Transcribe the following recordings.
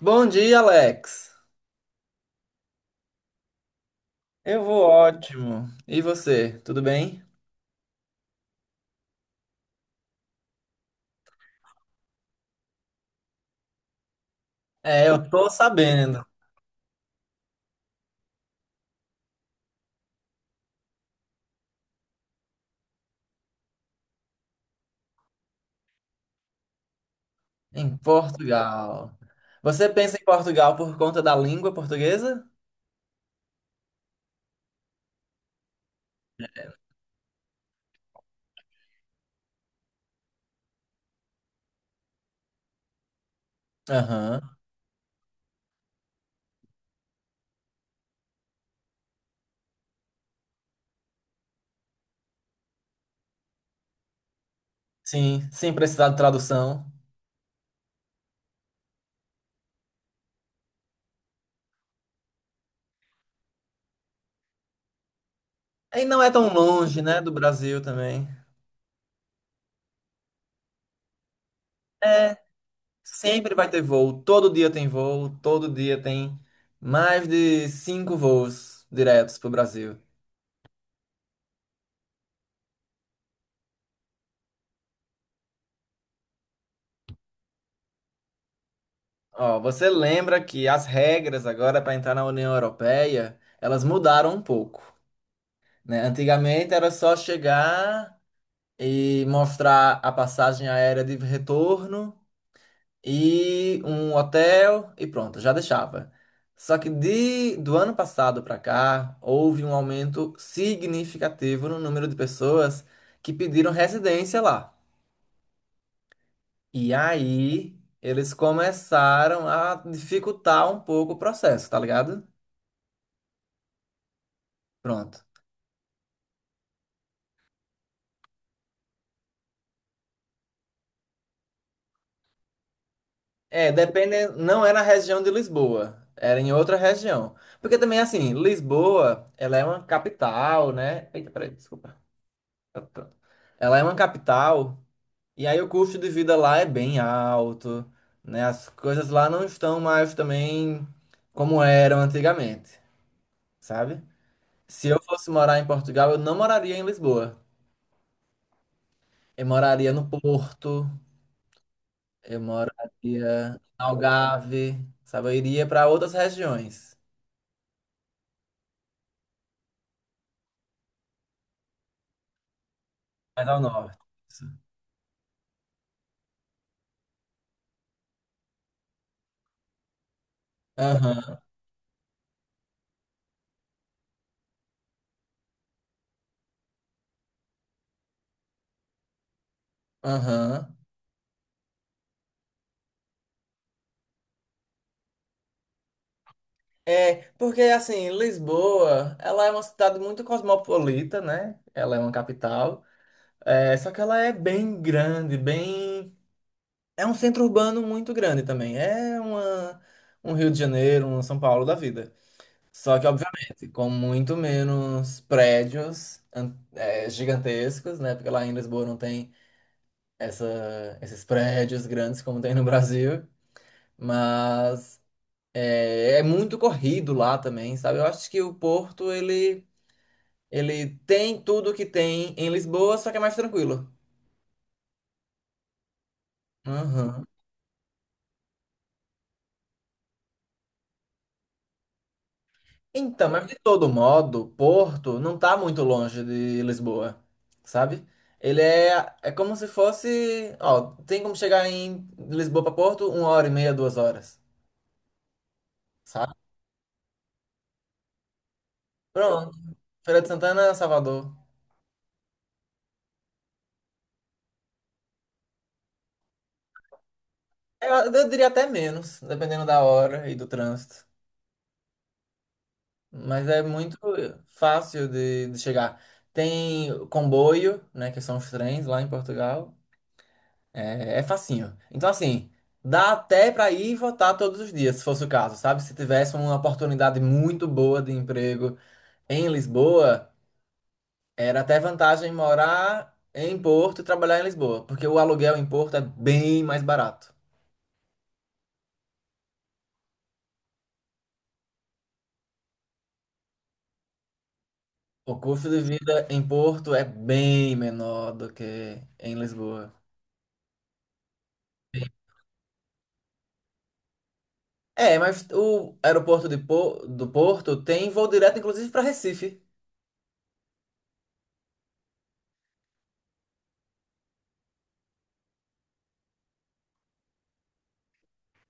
Bom dia, Alex. Eu vou ótimo. E você, tudo bem? É, eu tô sabendo. Em Portugal. Você pensa em Portugal por conta da língua portuguesa? Aham. Sim, sem precisar de tradução. E não é tão longe, né, do Brasil também. É, sempre vai ter voo. Todo dia tem voo. Todo dia tem mais de cinco voos diretos pro Brasil. Ó, você lembra que as regras agora para entrar na União Europeia, elas mudaram um pouco, né? Antigamente era só chegar e mostrar a passagem aérea de retorno e um hotel e pronto, já deixava. Só que do ano passado para cá, houve um aumento significativo no número de pessoas que pediram residência lá. E aí, eles começaram a dificultar um pouco o processo, tá ligado? Pronto. É, depende, não é na região de Lisboa, era em outra região. Porque também, assim, Lisboa, ela é uma capital, né? Eita, peraí, desculpa. Tá, tá. Ela é uma capital, e aí o custo de vida lá é bem alto, né? As coisas lá não estão mais também como eram antigamente, sabe? Se eu fosse morar em Portugal, eu não moraria em Lisboa. Eu moraria no Porto, eu moraria em Algarve, sabe? Eu iria para outras regiões. Mais ao norte. Isso. Aham, aham. É, porque assim, Lisboa, ela é uma cidade muito cosmopolita, né? Ela é uma capital. É, só que ela é bem grande, bem. É um centro urbano muito grande também. É um Rio de Janeiro, um São Paulo da vida. Só que, obviamente, com muito menos prédios gigantescos, né? Porque lá em Lisboa não tem esses prédios grandes como tem no Brasil. Mas. É, é muito corrido lá também, sabe? Eu acho que o Porto, ele tem tudo que tem em Lisboa, só que é mais tranquilo. Aham. Então, mas de todo modo, Porto não tá muito longe de Lisboa, sabe? Ele é como se fosse. Ó, tem como chegar em Lisboa para Porto 1 hora e meia, 2 horas, sabe? Pronto. Feira de Santana, Salvador. É, eu diria até menos, dependendo da hora e do trânsito. Mas é muito fácil de chegar. Tem comboio, né, que são os trens lá em Portugal. É, é facinho. Então, assim, dá até para ir votar todos os dias, se fosse o caso, sabe? Se tivesse uma oportunidade muito boa de emprego em Lisboa, era até vantagem morar em Porto e trabalhar em Lisboa, porque o aluguel em Porto é bem mais barato. O custo de vida em Porto é bem menor do que em Lisboa. É, mas o aeroporto de Po- do Porto tem voo direto, inclusive, para Recife.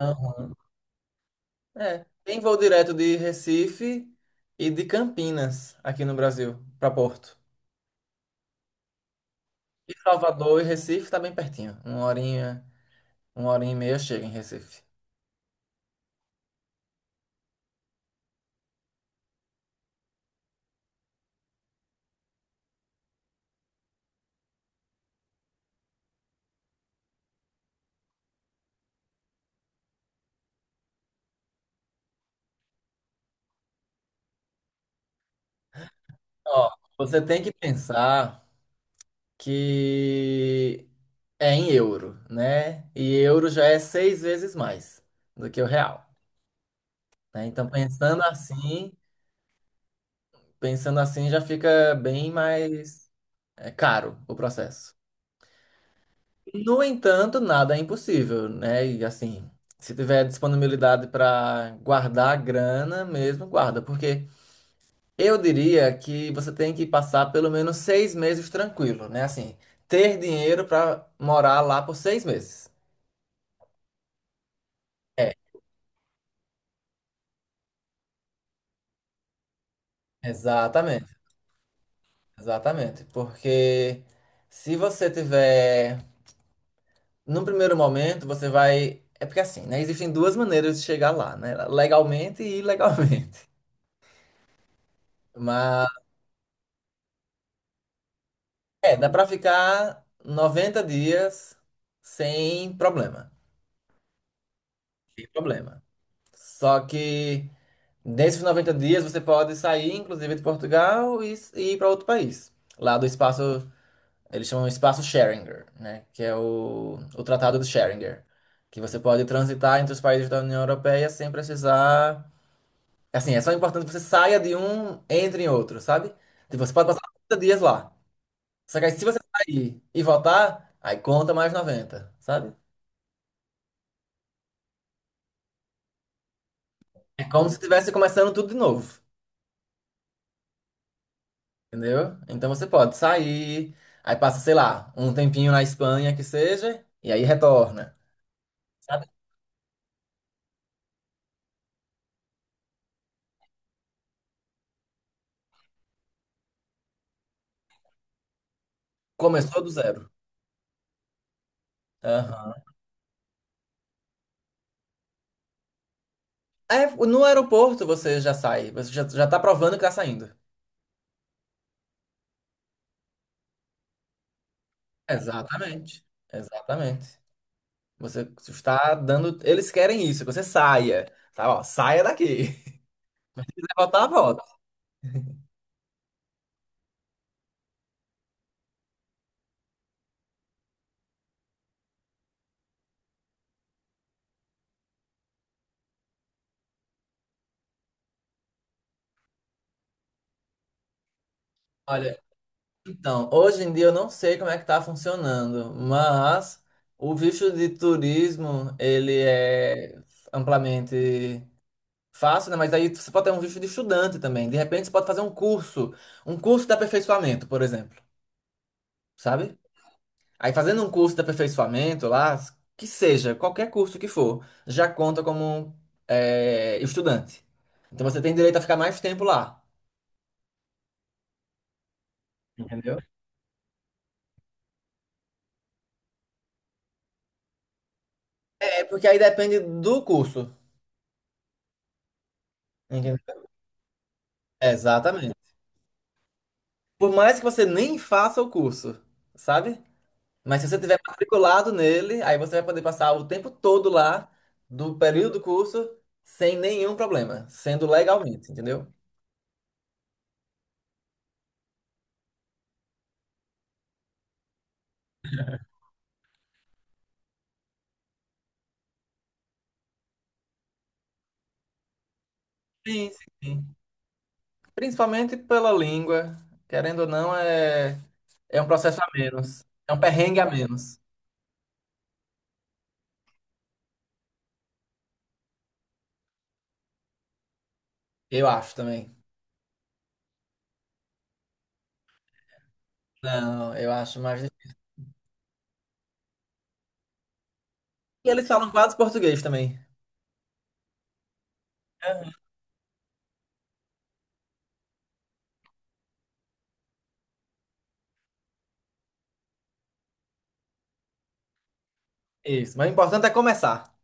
Aham. É, tem voo direto de Recife e de Campinas, aqui no Brasil, para Porto. E Salvador e Recife tá bem pertinho. Uma horinha e meia chega em Recife. Ó, você tem que pensar que é em euro, né? E euro já é 6 vezes mais do que o real, né? Então, pensando assim já fica bem mais. É caro o processo. No entanto, nada é impossível, né? E assim, se tiver disponibilidade para guardar a grana mesmo, guarda, porque eu diria que você tem que passar pelo menos 6 meses tranquilo, né? Assim, ter dinheiro para morar lá por 6 meses. É, exatamente, exatamente. Porque se você tiver, num primeiro momento, você vai. É porque assim, né? Existem duas maneiras de chegar lá, né? Legalmente e ilegalmente. Mas dá pra ficar 90 dias sem problema. Sem problema. Só que nesses 90 dias você pode sair, inclusive, de Portugal e ir para outro país. Lá do espaço, eles chamam espaço Schengen, né? Que é o Tratado de Schengen. Que você pode transitar entre os países da União Europeia sem precisar. Assim, é só importante que você saia de um, entre em outro, sabe? Tipo, você pode passar 90 dias lá. Só que aí, se você sair e voltar, aí conta mais 90, sabe? É como se estivesse começando tudo de novo, entendeu? Então você pode sair, aí passa, sei lá, um tempinho na Espanha que seja, e aí retorna, sabe? Começou do zero. Aham. É, no aeroporto você já sai, você já, já tá provando que tá saindo. Exatamente, exatamente. Você está dando. Eles querem isso, que você saia, tá? Ó, saia daqui. Se quiser voltar, volta. Olha. Então, hoje em dia eu não sei como é que tá funcionando, mas o visto de turismo, ele é amplamente fácil, né? Mas aí você pode ter um visto de estudante também. De repente você pode fazer um curso de aperfeiçoamento, por exemplo, sabe? Aí fazendo um curso de aperfeiçoamento lá, que seja, qualquer curso que for, já conta como estudante. Então você tem direito a ficar mais tempo lá, entendeu? É porque aí depende do curso, entendeu? Exatamente. Por mais que você nem faça o curso, sabe? Mas se você tiver matriculado nele, aí você vai poder passar o tempo todo lá do período do curso sem nenhum problema, sendo legalmente, entendeu? Sim, sim, sim. Principalmente pela língua, querendo ou não, é um processo a menos. É um perrengue a menos, eu acho também. Não, eu acho mais difícil. E eles falam quase português também. Aham. Isso, mas o importante é começar.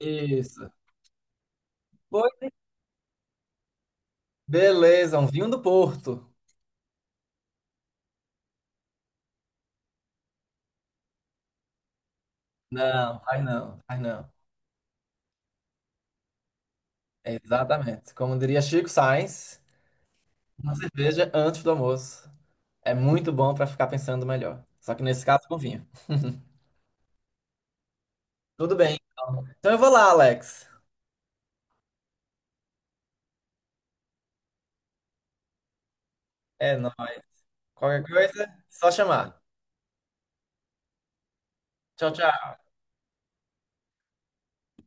Isso. Pois, beleza, um vinho do Porto. Não, faz não, faz não. Exatamente. Como diria Chico Sainz, uma cerveja antes do almoço é muito bom para ficar pensando melhor. Só que nesse caso, com vinho. Tudo bem. Então eu vou lá, Alex. É nóis. Qualquer coisa, só chamar. Tchau, tchau.